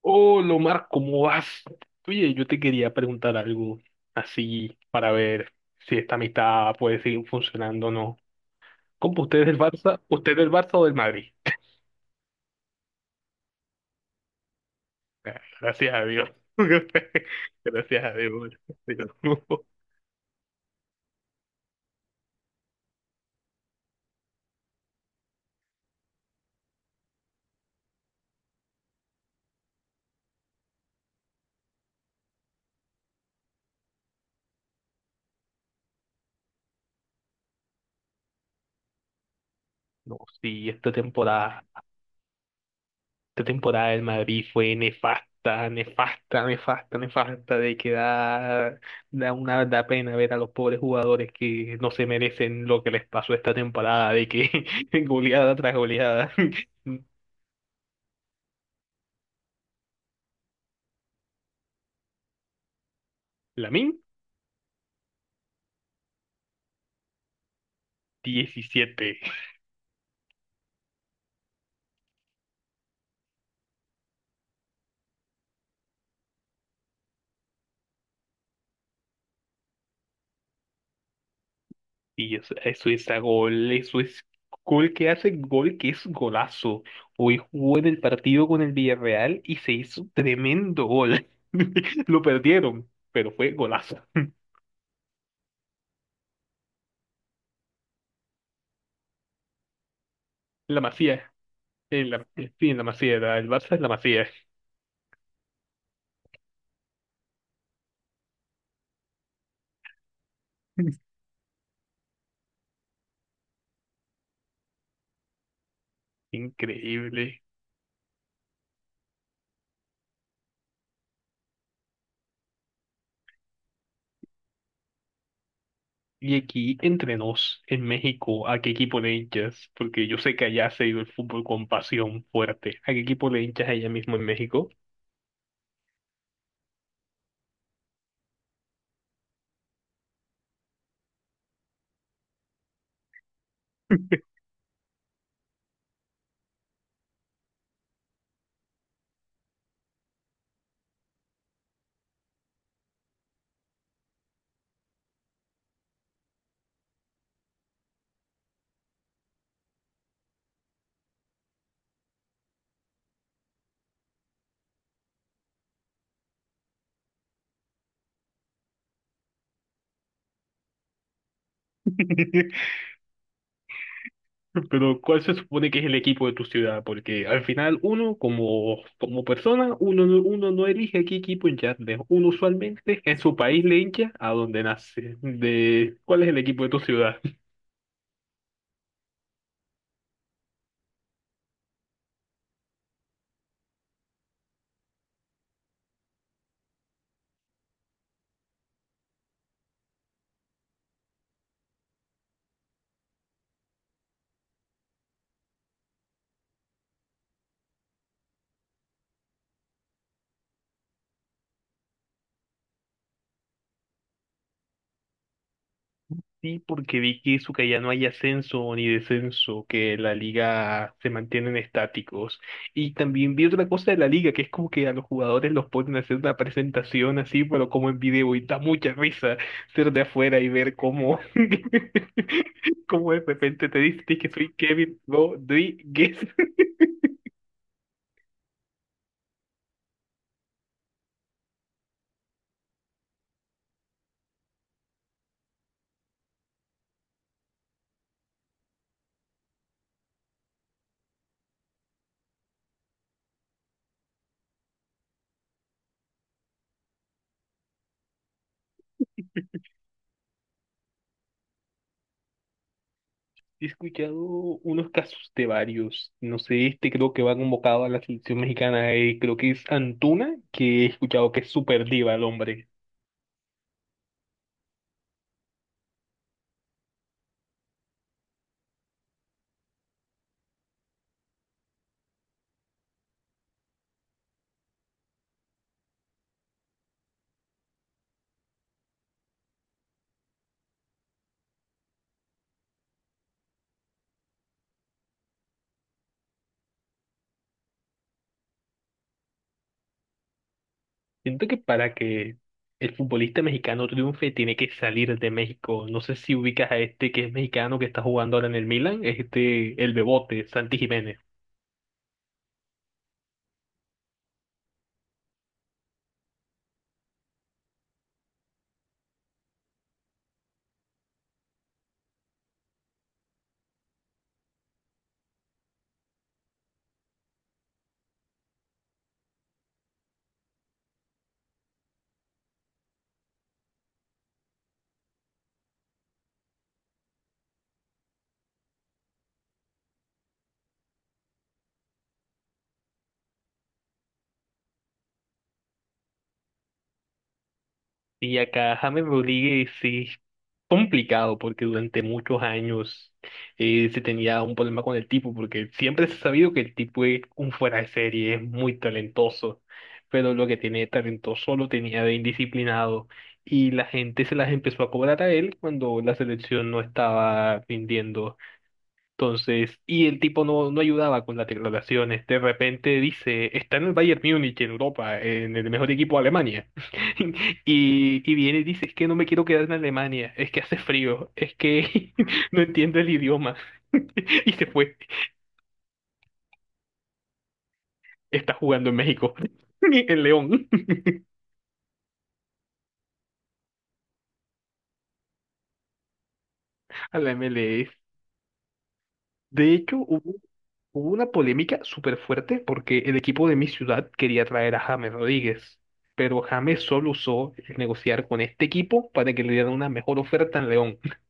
Hola Omar, ¿cómo vas? Oye, yo te quería preguntar algo así para ver si esta amistad puede seguir funcionando o no. ¿Cómo usted es del Barça? ¿Usted es del Barça o del Madrid? Gracias a Dios. Gracias a Dios. No, sí, esta temporada del Madrid fue nefasta, nefasta, nefasta, nefasta, de que da pena ver a los pobres jugadores que no se merecen lo que les pasó esta temporada, de que goleada tras goleada. Lamine, 17. Y eso es a gol, eso es gol que hace gol que es golazo. Hoy jugó en el partido con el Villarreal y se hizo tremendo gol. Lo perdieron, pero fue golazo. La Masía. En la, sí, en la Masía, el Barça es la Masía. Increíble. Y aquí, entre nos, en México, ¿a qué equipo le hinchas? Porque yo sé que allá se ha el fútbol con pasión fuerte. ¿A qué equipo le hinchas allá mismo en México? Pero, ¿cuál se supone que es el equipo de tu ciudad? Porque al final uno, como, como persona, uno, uno no elige a qué equipo hincharle. Uno usualmente en su país le hincha a donde nace. De, ¿cuál es el equipo de tu ciudad? Sí, porque vi que eso, que ya no hay ascenso ni descenso, que la liga se mantienen estáticos. Y también vi otra cosa de la liga, que es como que a los jugadores los ponen a hacer una presentación así, pero como en video, y da mucha risa ser de afuera y ver cómo, cómo de repente te dicen que soy Kevin Rodríguez. He escuchado unos casos de varios. No sé, creo que va convocado a la selección mexicana, creo que es Antuna, que he escuchado que es súper diva el hombre. Siento que para que el futbolista mexicano triunfe tiene que salir de México. No sé si ubicas a este que es mexicano que está jugando ahora en el Milan, el Bebote, Santi Jiménez. Y acá James Rodríguez sí complicado porque durante muchos años se tenía un problema con el tipo, porque siempre se ha sabido que el tipo es un fuera de serie, es muy talentoso, pero lo que tiene de talentoso lo tenía de indisciplinado y la gente se las empezó a cobrar a él cuando la selección no estaba rindiendo. Entonces, y el tipo no ayudaba con las declaraciones. De repente dice, está en el Bayern Múnich, en Europa, en el mejor equipo de Alemania. Y viene y dice, es que no me quiero quedar en Alemania, es que hace frío, es que no entiendo el idioma. Y se fue. Está jugando en México, en León, a la MLS. De hecho, hubo una polémica súper fuerte porque el equipo de mi ciudad quería traer a James Rodríguez, pero James solo usó el negociar con este equipo para que le dieran una mejor oferta en León.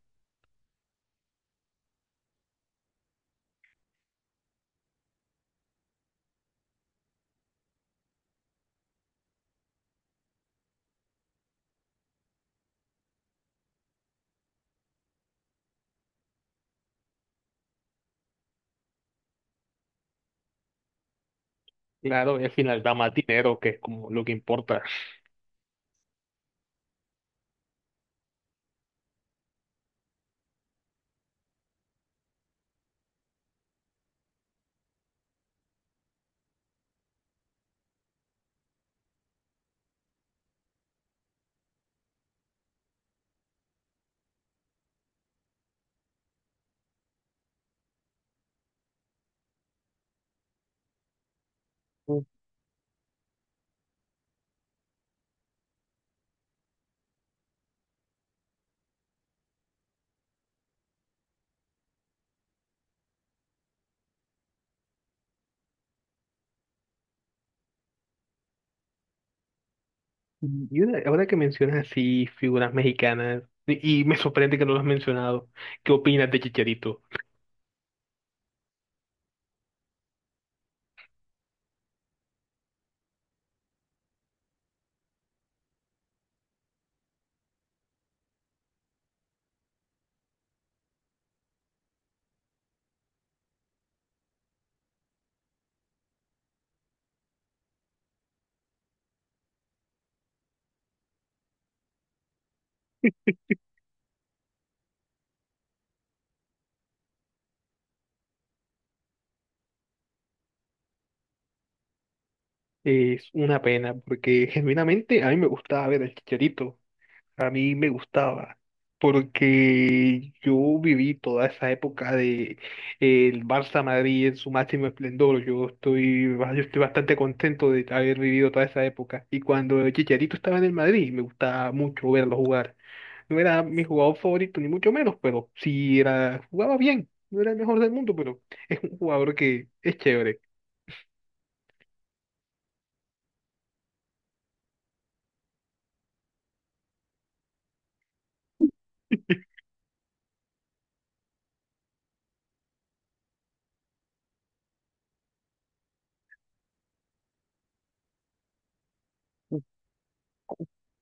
Claro, y al final da más dinero, que es como lo que importa. Mm. Ahora que mencionas así figuras mexicanas, y me sorprende que no lo has mencionado, ¿qué opinas de Chicharito? Es una pena porque genuinamente a mí me gustaba ver al Chicharito. A mí me gustaba, porque yo viví toda esa época de el Barça Madrid en su máximo esplendor. Yo estoy bastante contento de haber vivido toda esa época. Y cuando Chicharito estaba en el Madrid, me gustaba mucho verlo jugar. No era mi jugador favorito, ni mucho menos, pero sí era, jugaba bien. No era el mejor del mundo, pero es un jugador que es chévere.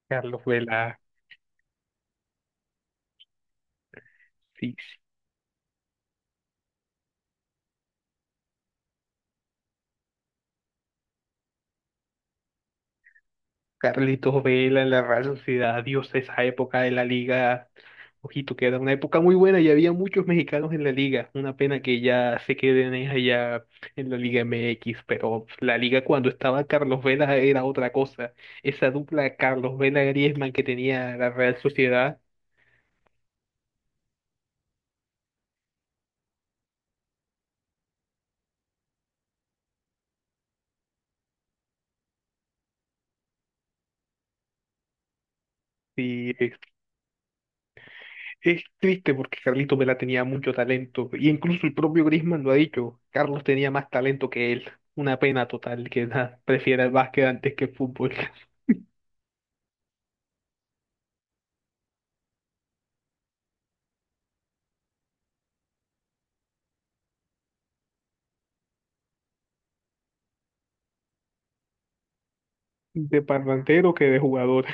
Carlos Vela, sí, sí. Carlitos Vela en la Real Sociedad, Dios, esa época de la liga. Ojito, que era una época muy buena y había muchos mexicanos en la liga. Una pena que ya se queden es allá en la Liga MX, pero la liga cuando estaba Carlos Vela era otra cosa. Esa dupla Carlos Vela-Griezmann que tenía la Real Sociedad, sí, es triste porque Carlitos Vela tenía mucho talento. Y incluso el propio Griezmann lo ha dicho, Carlos tenía más talento que él. Una pena total que nada, prefiera el básquet antes que el fútbol, de parlantero que de jugador.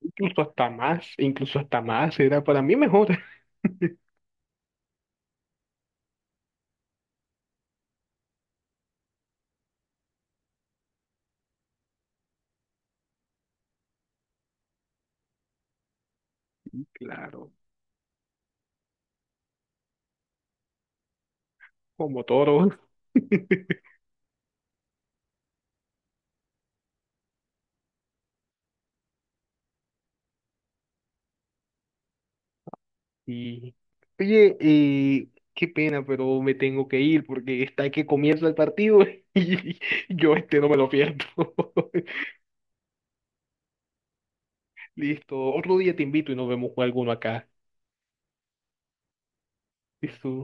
Incluso hasta más, incluso hasta más, era para mí mejor. Claro, como toro. Y, oye, qué pena, pero me tengo que ir porque está que comienza el partido y yo no me lo pierdo. Listo, otro día te invito y nos vemos con alguno acá. Listo.